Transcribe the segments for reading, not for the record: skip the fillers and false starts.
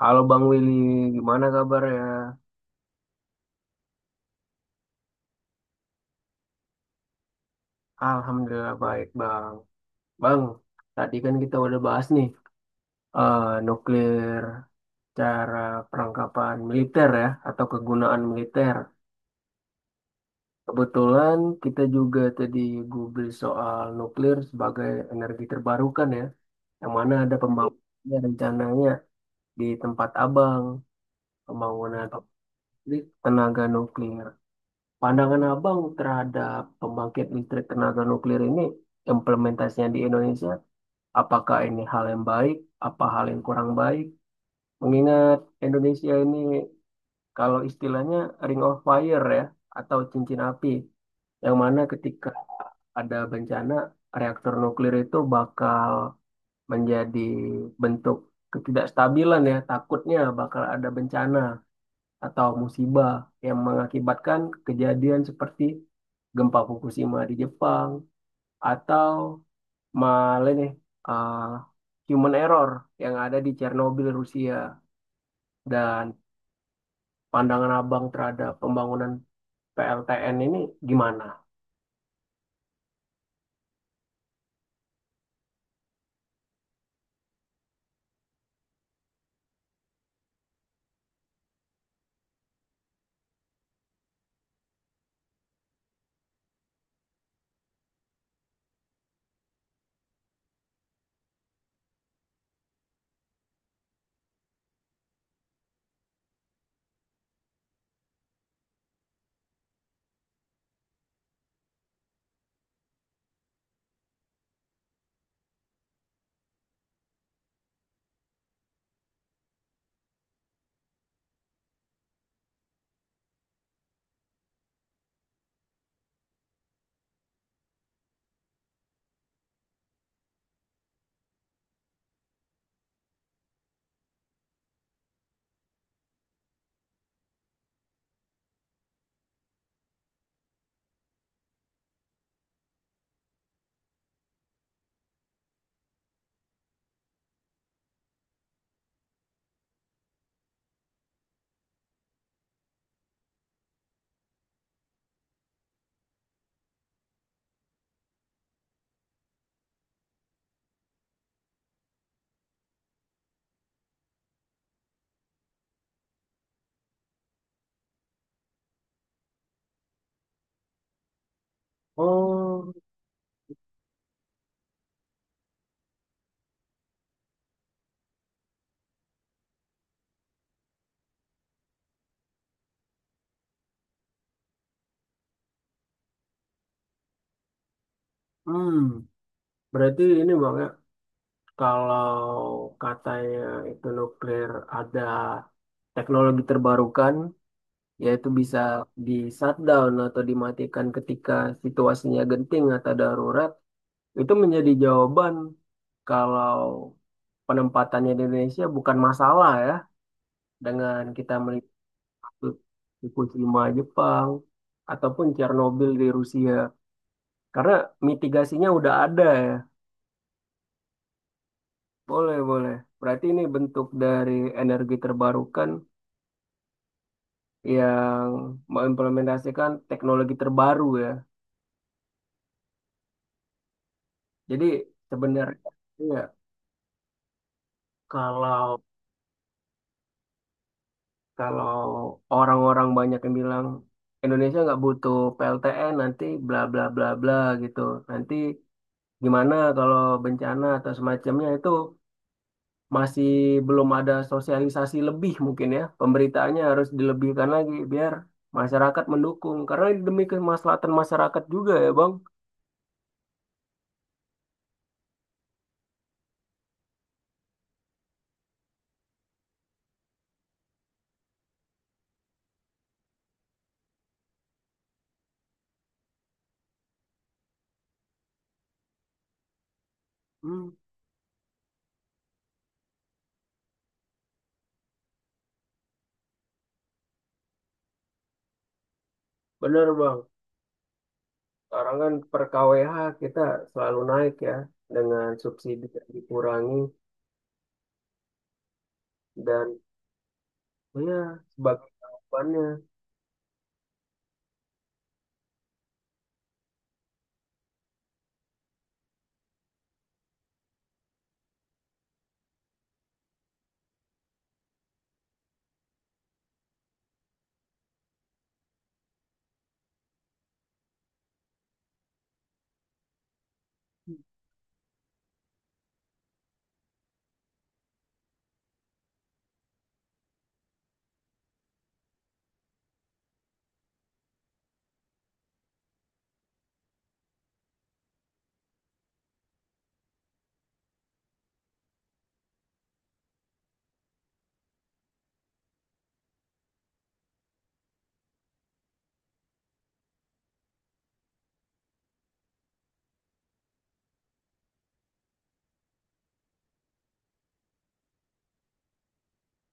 Halo Bang Willy, gimana kabar ya? Alhamdulillah baik Bang. Bang, tadi kan kita udah bahas nih nuklir cara perangkapan militer ya atau kegunaan militer. Kebetulan kita juga tadi Google soal nuklir sebagai energi terbarukan ya, yang mana ada pembangunannya rencananya di tempat Abang, pembangunan pabrik tenaga nuklir. Pandangan abang terhadap pembangkit listrik tenaga nuklir ini, implementasinya di Indonesia, apakah ini hal yang baik, apa hal yang kurang baik? Mengingat Indonesia ini, kalau istilahnya ring of fire ya, atau cincin api, yang mana ketika ada bencana, reaktor nuklir itu bakal menjadi bentuk ketidakstabilan ya, takutnya bakal ada bencana atau musibah yang mengakibatkan kejadian seperti gempa Fukushima di Jepang atau malah nih uh, human error yang ada di Chernobyl Rusia dan pandangan abang terhadap pembangunan PLTN ini gimana? Oh, hmm, berarti ini bang ya, kalau katanya itu nuklir ada teknologi terbarukan yaitu bisa di shutdown atau dimatikan ketika situasinya genting atau darurat, itu menjadi jawaban kalau penempatannya di Indonesia bukan masalah ya dengan kita melihat Fukushima Jepang ataupun Chernobyl di Rusia karena mitigasinya udah ada ya. Boleh, boleh. Berarti ini bentuk dari energi terbarukan yang mengimplementasikan teknologi terbaru ya. Jadi sebenarnya, iya. Kalau kalau orang-orang banyak yang bilang Indonesia nggak butuh PLTN nanti bla bla bla bla gitu. Nanti gimana kalau bencana atau semacamnya itu masih belum ada sosialisasi lebih mungkin ya. Pemberitaannya harus dilebihkan lagi biar masyarakat mendukung. Karena ini demi kemaslahatan masyarakat juga ya Bang. Hmm, bener Bang. Sekarang kan per KWH kita selalu naik ya dengan subsidi yang dikurangi. Dan iya, sebagai jawabannya.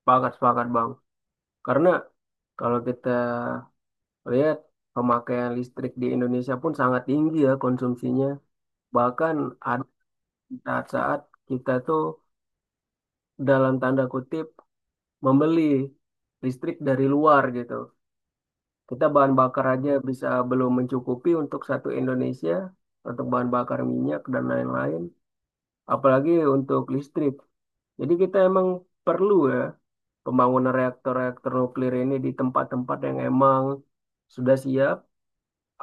Sepakat, sepakat Bang. Karena kalau kita lihat pemakaian listrik di Indonesia pun sangat tinggi ya konsumsinya. Bahkan ada saat-saat kita tuh dalam tanda kutip membeli listrik dari luar gitu. Kita bahan bakar aja bisa belum mencukupi untuk satu Indonesia, untuk bahan bakar minyak dan lain-lain, apalagi untuk listrik. Jadi kita emang perlu ya pembangunan reaktor-reaktor nuklir ini di tempat-tempat yang emang sudah siap,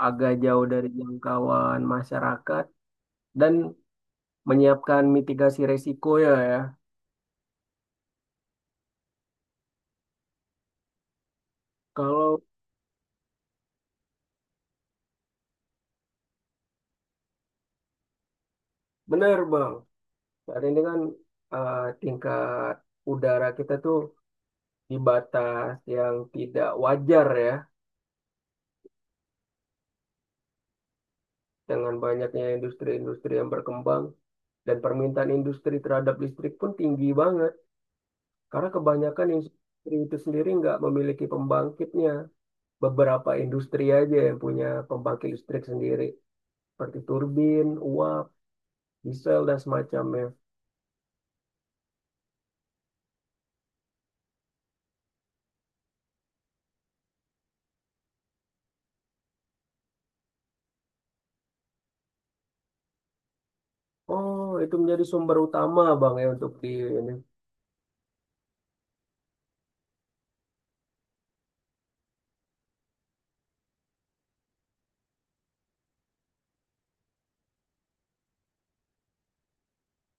agak jauh dari jangkauan masyarakat, dan menyiapkan mitigasi resiko ya ya. Kalau benar Bang, saat ini kan tingkat udara kita tuh di batas yang tidak wajar ya dengan banyaknya industri-industri yang berkembang. Dan permintaan industri terhadap listrik pun tinggi banget. Karena kebanyakan industri itu sendiri nggak memiliki pembangkitnya. Beberapa industri aja yang punya pembangkit listrik sendiri. Seperti turbin, uap, diesel, dan semacamnya. Oh, itu menjadi sumber utama Bang ya untuk di ini.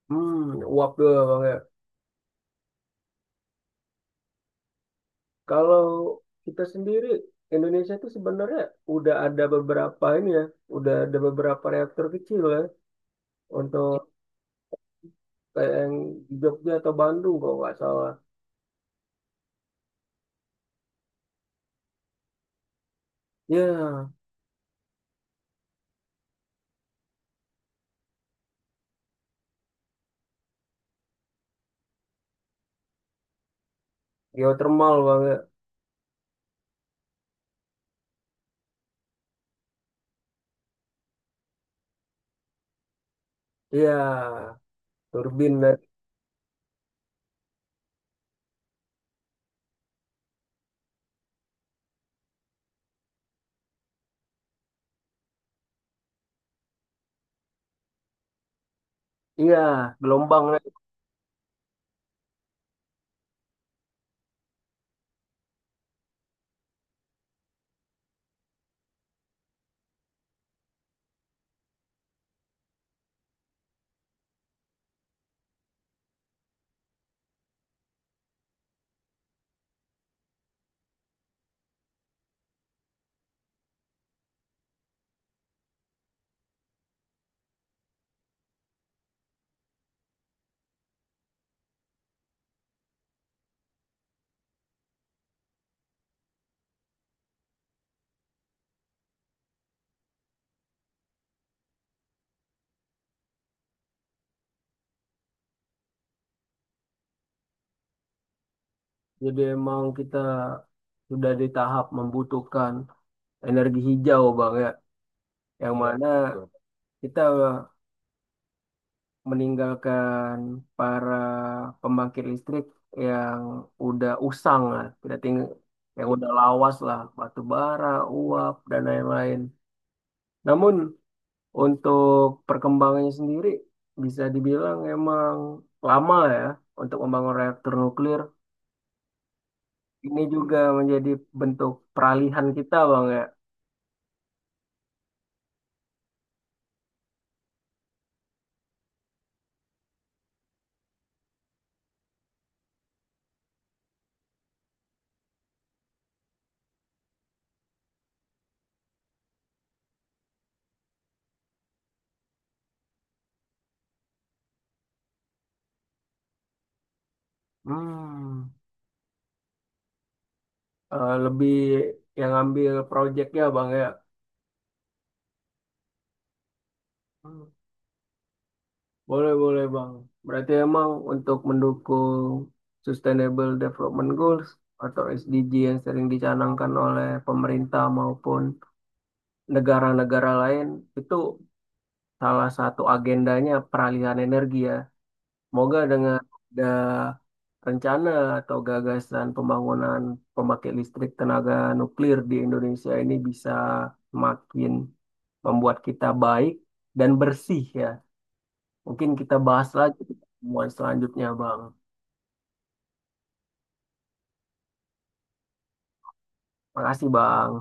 Hmm, uap tuh Bang ya. Kalau kita sendiri, Indonesia itu sebenarnya udah ada beberapa ini ya, udah ada beberapa reaktor kecil ya untuk kayak yang di Jogja atau Bandung kalau nggak salah. Iya, geothermal banget. Iya, turbin naik. Iya, gelombang naik. Jadi emang kita sudah di tahap membutuhkan energi hijau bang ya, yang iya, mana betul. Kita meninggalkan para pembangkit listrik yang udah usang lah, yang udah lawas lah, batu bara, uap dan lain-lain. Namun untuk perkembangannya sendiri bisa dibilang emang lama ya untuk membangun reaktor nuklir. Ini juga menjadi bentuk peralihan kita, Bang ya. Hmm. Eh, lebih yang ngambil proyeknya, Bang ya. Hmm. Boleh, boleh, Bang. Berarti emang untuk mendukung Sustainable Development Goals atau SDG yang sering dicanangkan oleh pemerintah maupun negara-negara lain, itu salah satu agendanya peralihan energi ya. Semoga dengan ada rencana atau gagasan pembangunan pemakai listrik tenaga nuklir di Indonesia ini bisa semakin membuat kita baik dan bersih ya. Mungkin kita bahas lagi di pertemuan selanjutnya, Bang. Makasih, Bang.